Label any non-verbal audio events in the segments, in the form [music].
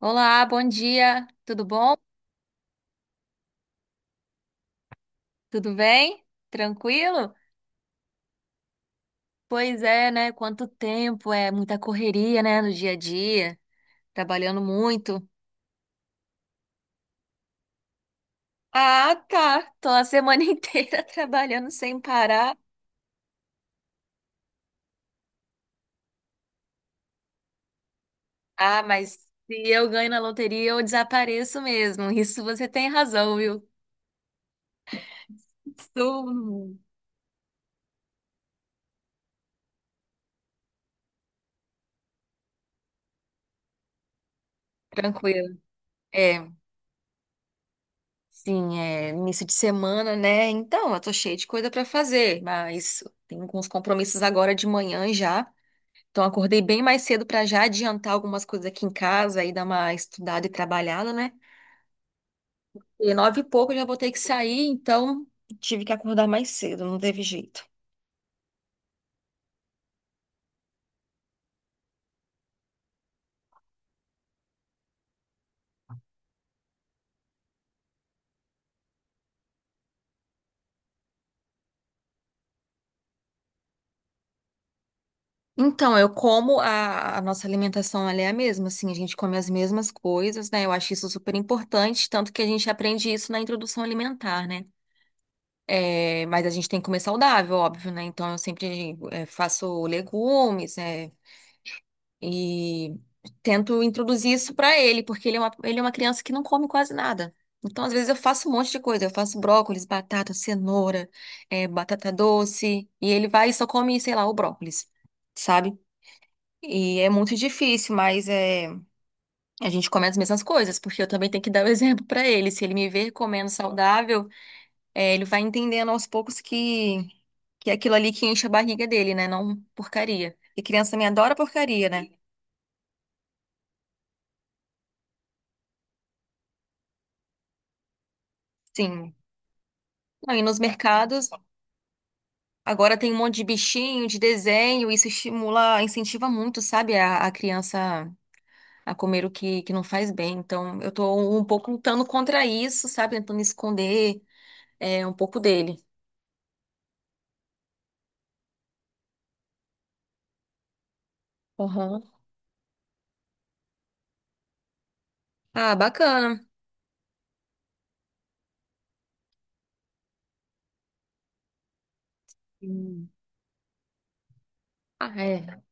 Olá, bom dia. Tudo bom? Tudo bem? Tranquilo? Pois é, né? Quanto tempo, é muita correria, né, no dia a dia, trabalhando muito. Ah, tá. Tô a semana [laughs] inteira trabalhando sem parar. Ah, mas se eu ganho na loteria, eu desapareço mesmo. Isso você tem razão, viu? Estou tranquilo. É. Sim, é início de semana, né? Então, eu tô cheia de coisa pra fazer, mas tenho alguns compromissos agora de manhã já. Então, acordei bem mais cedo para já adiantar algumas coisas aqui em casa e dar uma estudada e trabalhada, né? E nove e pouco eu já vou ter que sair, então tive que acordar mais cedo, não teve jeito. Então, eu como a nossa alimentação, ela é a mesma, assim, a gente come as mesmas coisas, né? Eu acho isso super importante, tanto que a gente aprende isso na introdução alimentar, né? É, mas a gente tem que comer saudável, óbvio, né? Então, eu sempre faço legumes, e tento introduzir isso pra ele, porque ele é uma criança que não come quase nada. Então, às vezes, eu faço um monte de coisa. Eu faço brócolis, batata, cenoura, batata doce. E ele vai e só come, sei lá, o brócolis, sabe? E é muito difícil, mas a gente come as mesmas coisas, porque eu também tenho que dar o [laughs] exemplo pra ele. Se ele me ver comendo saudável, ele vai entendendo aos poucos que, é aquilo ali que enche a barriga dele, né? Não porcaria. E criança me adora porcaria, né? Sim. Não, e nos mercados, agora tem um monte de bichinho, de desenho, isso estimula, incentiva muito, sabe, a criança a comer o que não faz bem. Então, eu tô um pouco lutando contra isso, sabe, tentando esconder um pouco dele. Aham. Ah, bacana. Hum. Ah, é.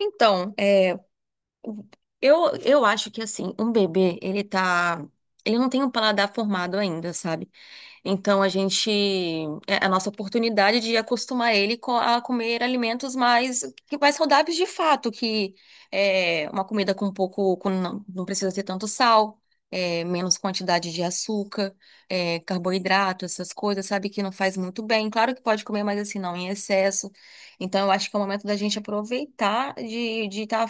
Então, eu acho que, assim, um bebê, ele tá. Ele não tem um paladar formado ainda, sabe? Então a gente é a nossa oportunidade de acostumar ele a comer alimentos mais que mais saudáveis de fato, que é uma comida com pouco, com não precisa ter tanto sal, menos quantidade de açúcar, carboidrato, essas coisas, sabe que não faz muito bem. Claro que pode comer, mas assim não em excesso. Então eu acho que é o momento da gente aproveitar de estar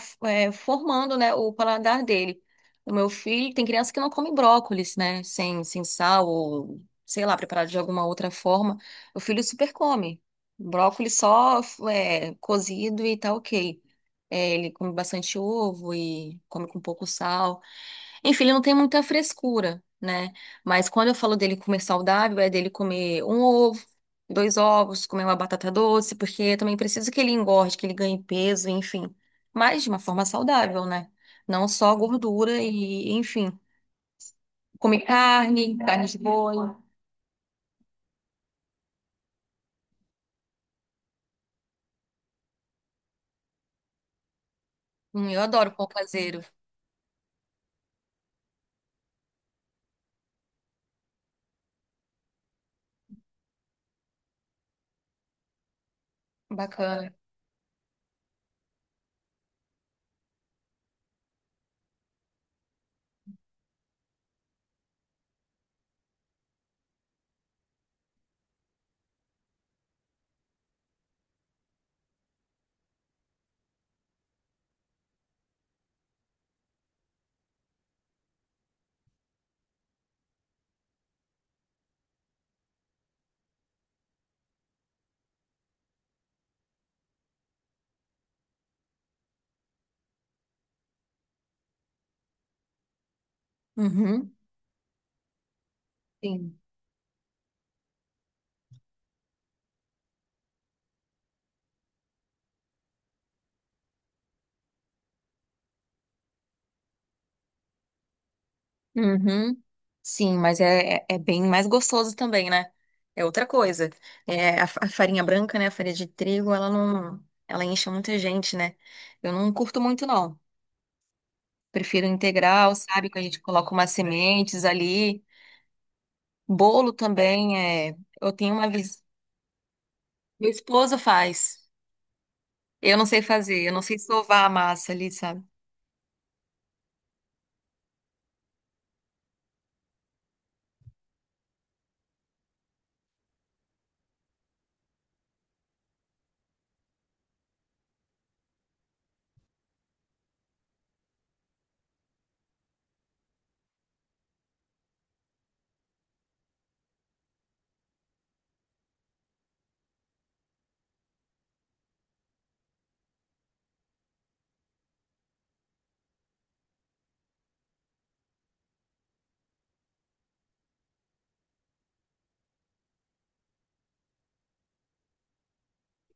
formando, né, o paladar dele. O meu filho tem criança que não come brócolis, né? Sem sal, sei lá, preparado de alguma outra forma, o filho super come. Brócolis só cozido e tá ok. É, ele come bastante ovo e come com pouco sal. Enfim, ele não tem muita frescura, né? Mas quando eu falo dele comer saudável, é dele comer um ovo, dois ovos, comer uma batata doce, porque eu também preciso que ele engorde, que ele ganhe peso, enfim. Mas de uma forma saudável, né? Não só gordura e, enfim. Comer carne, carne de boi. Eu adoro pão caseiro. Bacana. Uhum. Sim. Uhum. Sim, mas é bem mais gostoso também, né? É outra coisa. É, a farinha branca, né? A farinha de trigo, ela não. Ela enche muita gente, né? Eu não curto muito, não. Prefiro integral, sabe? Que a gente coloca umas sementes ali. Bolo também é. Eu tenho uma vez. Meu esposo faz. Eu não sei fazer. Eu não sei sovar a massa ali, sabe?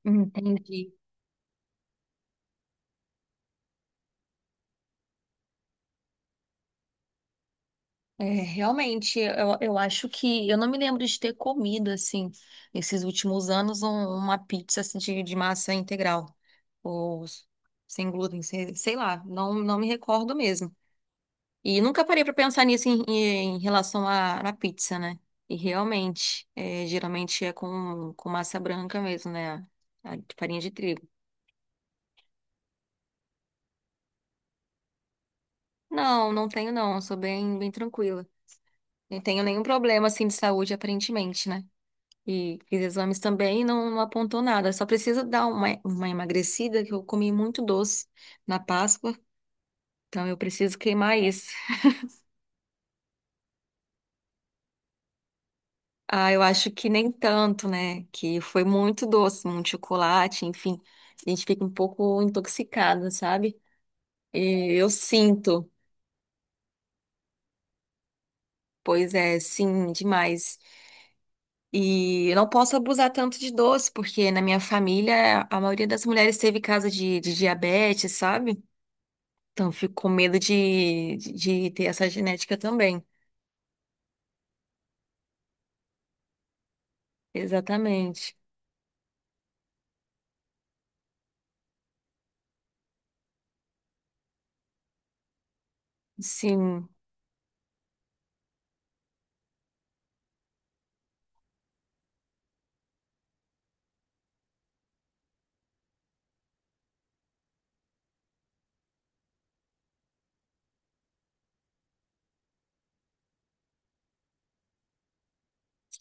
Entendi. É, realmente, eu acho que eu não me lembro de ter comido assim nesses últimos anos uma pizza assim, de massa integral ou sem glúten, sei lá, não me recordo mesmo. E nunca parei para pensar nisso em relação à pizza, né? E realmente, geralmente é com massa branca mesmo, né? A de farinha de trigo. Não, não tenho não, eu sou bem, bem tranquila. Não tenho nenhum problema assim de saúde aparentemente, né? E fiz exames também e não apontou nada. Só precisa dar uma emagrecida, que eu comi muito doce na Páscoa, então eu preciso queimar isso. Ah, eu acho que nem tanto, né? Que foi muito doce, muito chocolate, enfim. A gente fica um pouco intoxicada, sabe? E eu sinto, pois é, sim, demais. E eu não posso abusar tanto de doce, porque na minha família a maioria das mulheres teve caso de diabetes, sabe? Então, fico com medo de ter essa genética também. Exatamente. Sim,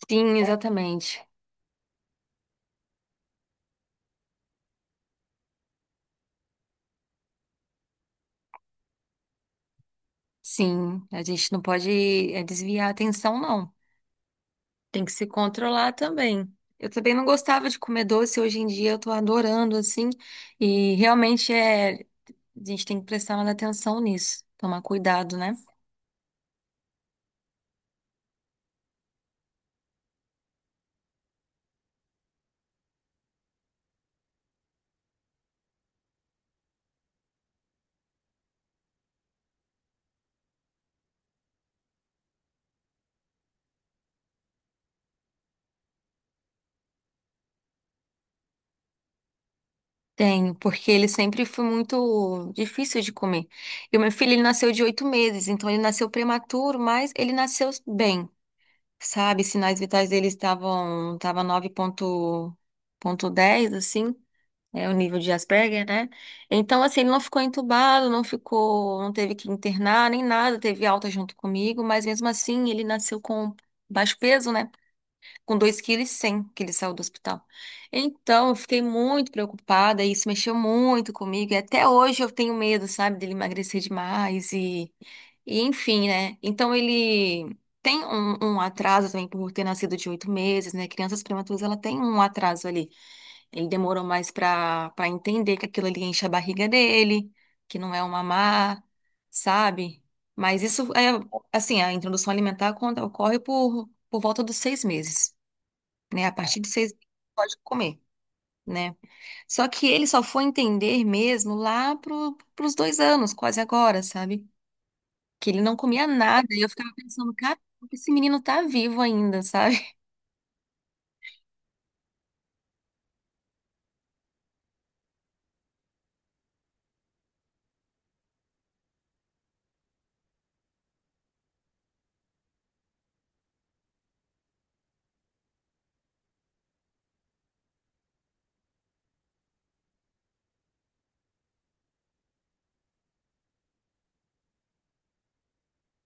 sim, exatamente. Sim, a gente não pode desviar a atenção, não. Tem que se controlar também. Eu também não gostava de comer doce, hoje em dia eu tô adorando, assim, e realmente a gente tem que prestar mais atenção nisso, tomar cuidado, né? Tenho, porque ele sempre foi muito difícil de comer. E o meu filho, ele nasceu de 8 meses, então ele nasceu prematuro, mas ele nasceu bem. Sabe? Sinais vitais deles estava dez assim, é o nível de Asperger, né? Então, assim, ele não ficou entubado, não ficou, não teve que internar nem nada, teve alta junto comigo, mas mesmo assim ele nasceu com baixo peso, né? Com 2,1 kg que ele saiu do hospital. Então, eu fiquei muito preocupada, e isso mexeu muito comigo, e até hoje eu tenho medo, sabe, dele emagrecer demais e enfim, né? Então, ele tem um atraso também por ter nascido de 8 meses, né? Crianças prematuras, ela tem um atraso ali. Ele demorou mais para entender que aquilo ali enche a barriga dele, que não é um mamar, sabe? Mas isso é, assim, a introdução alimentar quando ocorre por volta dos 6 meses, né? A partir de seis pode comer, né? Só que ele só foi entender mesmo lá pros 2 anos, quase agora, sabe? Que ele não comia nada. E eu ficava pensando, cara, esse menino tá vivo ainda, sabe? [laughs]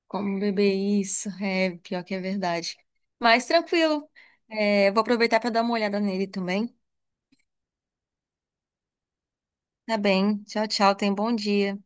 Como beber isso? É, pior que é verdade. Mas tranquilo. É, vou aproveitar para dar uma olhada nele também. Tá bem. Tchau, tchau. Tenha um bom dia.